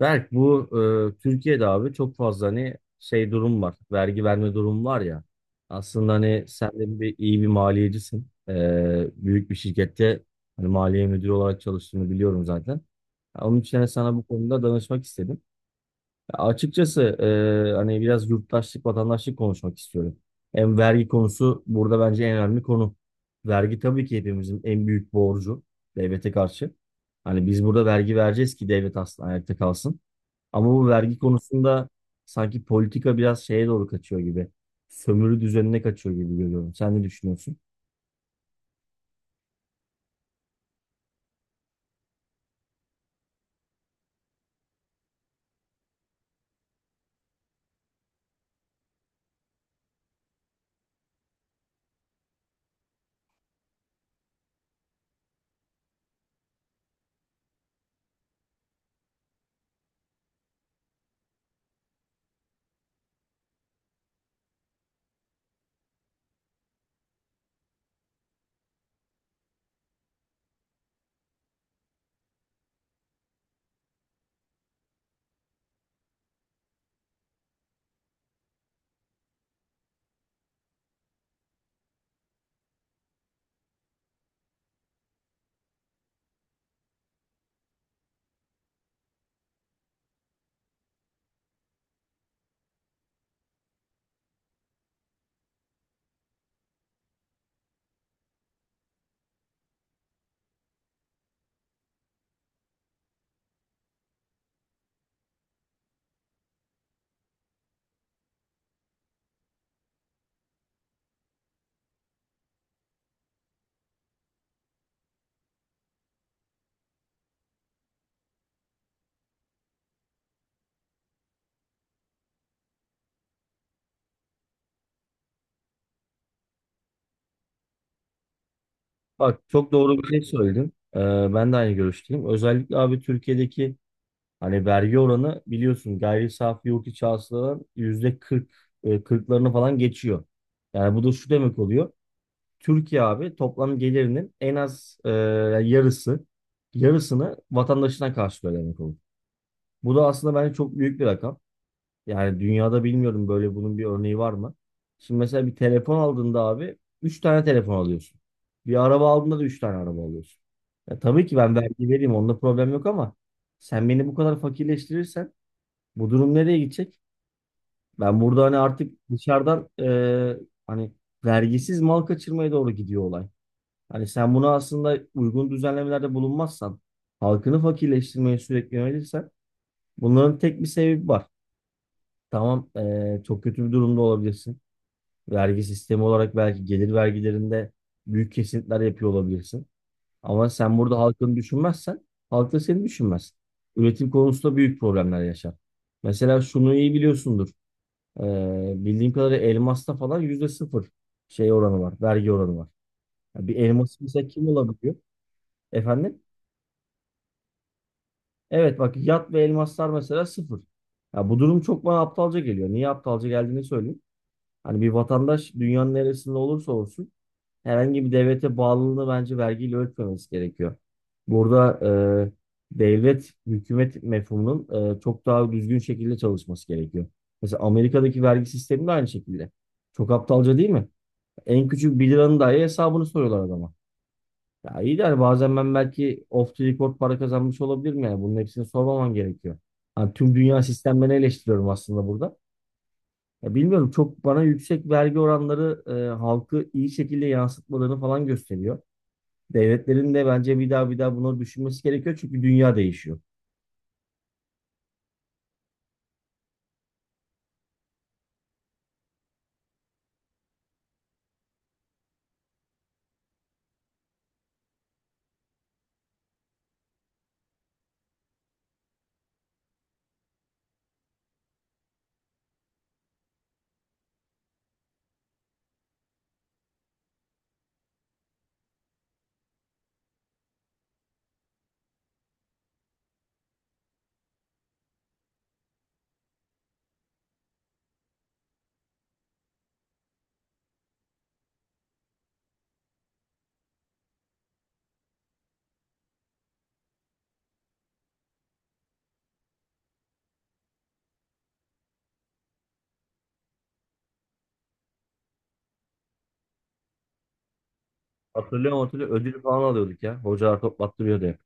Berk bu Türkiye'de abi çok fazla hani şey durum var. Vergi verme durum var ya. Aslında hani sen de iyi bir maliyecisin. Büyük bir şirkette hani maliye müdürü olarak çalıştığını biliyorum zaten. Ya onun için hani sana bu konuda danışmak istedim. Açıkçası hani biraz yurttaşlık, vatandaşlık konuşmak istiyorum. Hem vergi konusu burada bence en önemli konu. Vergi tabii ki hepimizin en büyük borcu devlete karşı. Hani biz burada vergi vereceğiz ki devlet aslında ayakta kalsın. Ama bu vergi konusunda sanki politika biraz şeye doğru kaçıyor gibi. Sömürü düzenine kaçıyor gibi görüyorum. Sen ne düşünüyorsun? Bak çok doğru bir şey söyledin. Ben de aynı görüşteyim. Özellikle abi Türkiye'deki hani vergi oranı biliyorsun gayri safi yurt içi hasıladan %40, 40'larını falan geçiyor. Yani bu da şu demek oluyor. Türkiye abi toplam gelirinin en az yani yarısını vatandaşına karşılıyor demek olur. Bu da aslında bence çok büyük bir rakam. Yani dünyada bilmiyorum böyle bunun bir örneği var mı? Şimdi mesela bir telefon aldığında abi 3 tane telefon alıyorsun. Bir araba aldığında da 3 tane araba alıyorsun. Ya tabii ki ben vergi vereyim onda problem yok, ama sen beni bu kadar fakirleştirirsen bu durum nereye gidecek? Ben burada hani artık dışarıdan hani vergisiz mal kaçırmaya doğru gidiyor olay. Hani sen bunu aslında uygun düzenlemelerde bulunmazsan, halkını fakirleştirmeye sürekli yönelirsen bunların tek bir sebebi var. Tamam, çok kötü bir durumda olabilirsin. Vergi sistemi olarak belki gelir vergilerinde büyük kesintiler yapıyor olabilirsin. Ama sen burada halkını düşünmezsen halk da seni düşünmez. Üretim konusunda büyük problemler yaşar. Mesela şunu iyi biliyorsundur. Bildiğim kadarıyla elmasta falan yüzde sıfır şey oranı var. Vergi oranı var. Ya bir elmas mesela kim olabiliyor? Efendim? Evet, bak yat ve elmaslar mesela sıfır. Ya bu durum çok bana aptalca geliyor. Niye aptalca geldiğini söyleyeyim. Hani bir vatandaş dünyanın neresinde olursa olsun herhangi bir devlete bağlılığını bence vergiyle ölçmemesi gerekiyor. Burada devlet, hükümet mefhumunun çok daha düzgün şekilde çalışması gerekiyor. Mesela Amerika'daki vergi sistemi de aynı şekilde. Çok aptalca değil mi? En küçük bir liranın dahi hesabını soruyorlar adama. Ya iyi de hani bazen ben belki off the record para kazanmış olabilirim yani. Bunun hepsini sormaman gerekiyor. Hani tüm dünya sistemlerini eleştiriyorum aslında burada. Ya bilmiyorum, çok bana yüksek vergi oranları halkı iyi şekilde yansıtmalarını falan gösteriyor. Devletlerin de bence bir daha bir daha bunu düşünmesi gerekiyor çünkü dünya değişiyor. Hatırlıyorum, hatırlıyorum, ödül falan alıyorduk ya. Hocalar toplattırıyordu hep.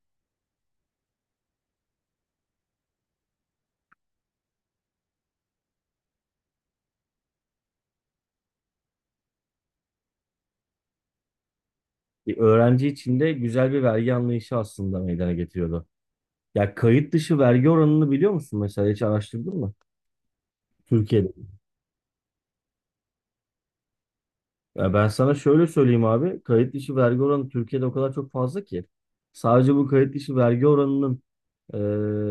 Bir öğrenci için de güzel bir vergi anlayışı aslında meydana getiriyordu. Ya kayıt dışı vergi oranını biliyor musun mesela, hiç araştırdın mı? Türkiye'de. Ya ben sana şöyle söyleyeyim abi. Kayıt dışı vergi oranı Türkiye'de o kadar çok fazla ki. Sadece bu kayıt dışı vergi oranının e,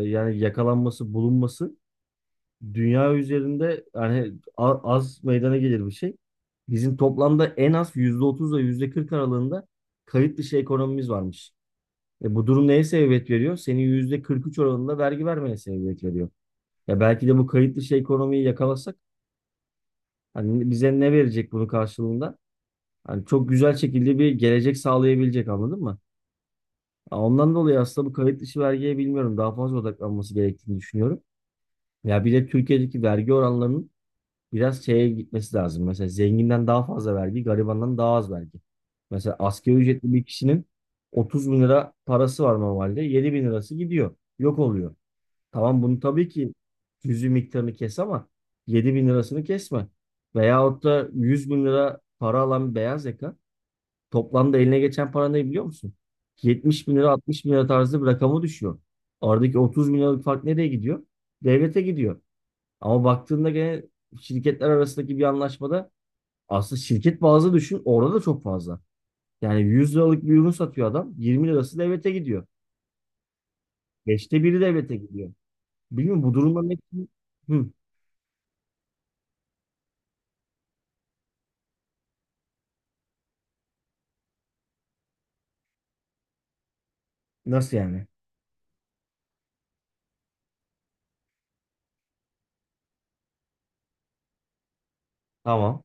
yani yakalanması, bulunması dünya üzerinde yani az meydana gelir bir şey. Bizim toplamda en az %30 ile %40 aralığında kayıt dışı ekonomimiz varmış. E, bu durum neye sebebiyet veriyor? Senin %43 oranında vergi vermeye sebebiyet veriyor. Ya belki de bu kayıt dışı ekonomiyi yakalasak, hani bize ne verecek bunun karşılığında? Hani çok güzel şekilde bir gelecek sağlayabilecek, anladın mı? Ya ondan dolayı aslında bu kayıt dışı vergiye bilmiyorum, daha fazla odaklanması gerektiğini düşünüyorum. Ya bir de Türkiye'deki vergi oranlarının biraz şeye gitmesi lazım. Mesela zenginden daha fazla vergi, garibandan daha az vergi. Mesela asgari ücretli bir kişinin 30 bin lira parası var normalde. 7 bin lirası gidiyor. Yok oluyor. Tamam, bunu tabii ki cüzi miktarını kes ama 7 bin lirasını kesme. Veyahut da 100 bin lira para alan bir beyaz yaka toplamda eline geçen para ne biliyor musun? 70 bin lira, 60 bin lira tarzı bir rakama düşüyor. Aradaki 30 bin liralık fark nereye gidiyor? Devlete gidiyor. Ama baktığında gene şirketler arasındaki bir anlaşmada, aslında şirket bazlı düşün, orada da çok fazla. Yani 100 liralık bir ürün satıyor adam, 20 lirası devlete gidiyor. Beşte biri devlete gidiyor. Bilmiyorum bu durumda ne? Hı. Nasıl yani? Tamam.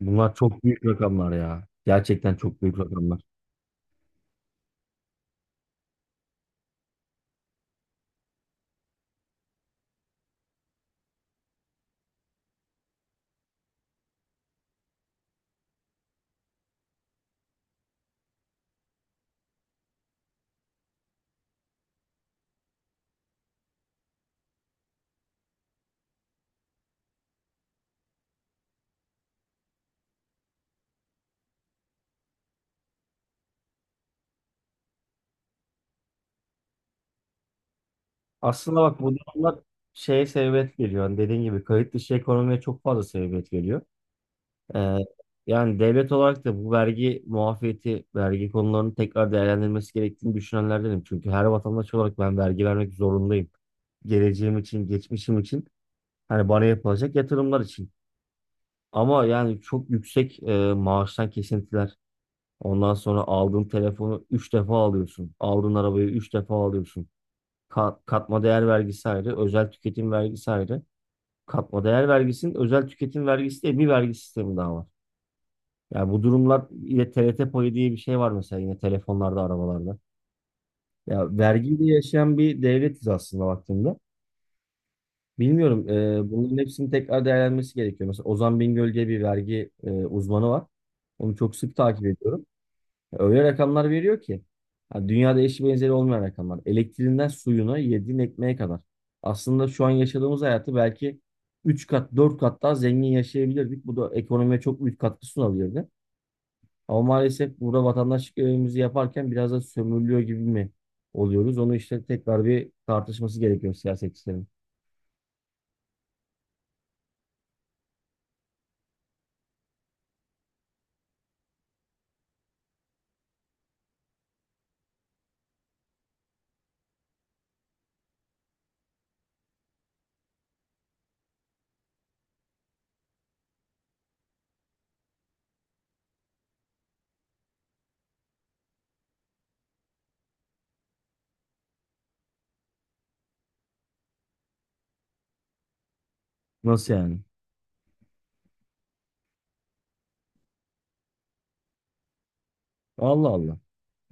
Bunlar çok büyük rakamlar ya. Gerçekten çok büyük rakamlar. Aslında bak, bu durumlar şeye sebebiyet veriyor. Hani dediğin gibi kayıt dışı ekonomiye çok fazla sebebiyet veriyor. Ee, Yani devlet olarak da bu vergi muafiyeti, vergi konularının tekrar değerlendirilmesi gerektiğini düşünenlerdenim. Çünkü her vatandaş olarak ben vergi vermek zorundayım. Geleceğim için, geçmişim için, hani bana yapılacak yatırımlar için. Ama yani çok yüksek maaştan kesintiler. Ondan sonra aldığın telefonu 3 defa alıyorsun. Aldığın arabayı 3 defa alıyorsun. Katma değer vergisi ayrı, özel tüketim vergisi ayrı. Katma değer vergisinin özel tüketim vergisi diye bir vergi sistemi daha var. Yani bu durumlar yine TRT payı diye bir şey var mesela, yine telefonlarda, arabalarda. Ya vergiyle yaşayan bir devletiz aslında baktığımda. Bilmiyorum, bunların hepsinin tekrar değerlenmesi gerekiyor. Mesela Ozan Bingöl diye bir vergi uzmanı var. Onu çok sık takip ediyorum. Öyle rakamlar veriyor ki. Ha, Dünyada eşi benzeri olmayan rakamlar. Elektriğinden suyuna, yediğin ekmeğe kadar. Aslında şu an yaşadığımız hayatı belki 3 kat, 4 kat daha zengin yaşayabilirdik. Bu da ekonomiye çok büyük katkı sunabilirdi. Ama maalesef burada vatandaşlık görevimizi yaparken biraz da sömürülüyor gibi mi oluyoruz? Onu işte tekrar bir tartışması gerekiyor siyasetçilerin. Nasıl yani? Allah Allah.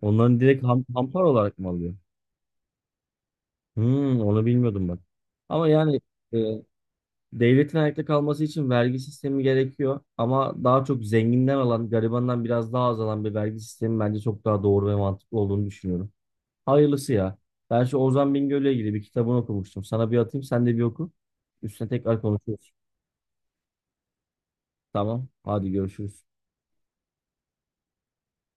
Onların direkt hampar olarak mı alıyor? Onu bilmiyordum bak. Ama yani e, devletin ayakta kalması için vergi sistemi gerekiyor ama daha çok zenginden alan, garibandan biraz daha az alan bir vergi sistemi bence çok daha doğru ve mantıklı olduğunu düşünüyorum. Hayırlısı ya. Ben şu Ozan Bingöl'le ilgili bir kitabını okumuştum. Sana bir atayım, sen de bir oku. Üstüne tekrar konuşuruz. Tamam, hadi görüşürüz.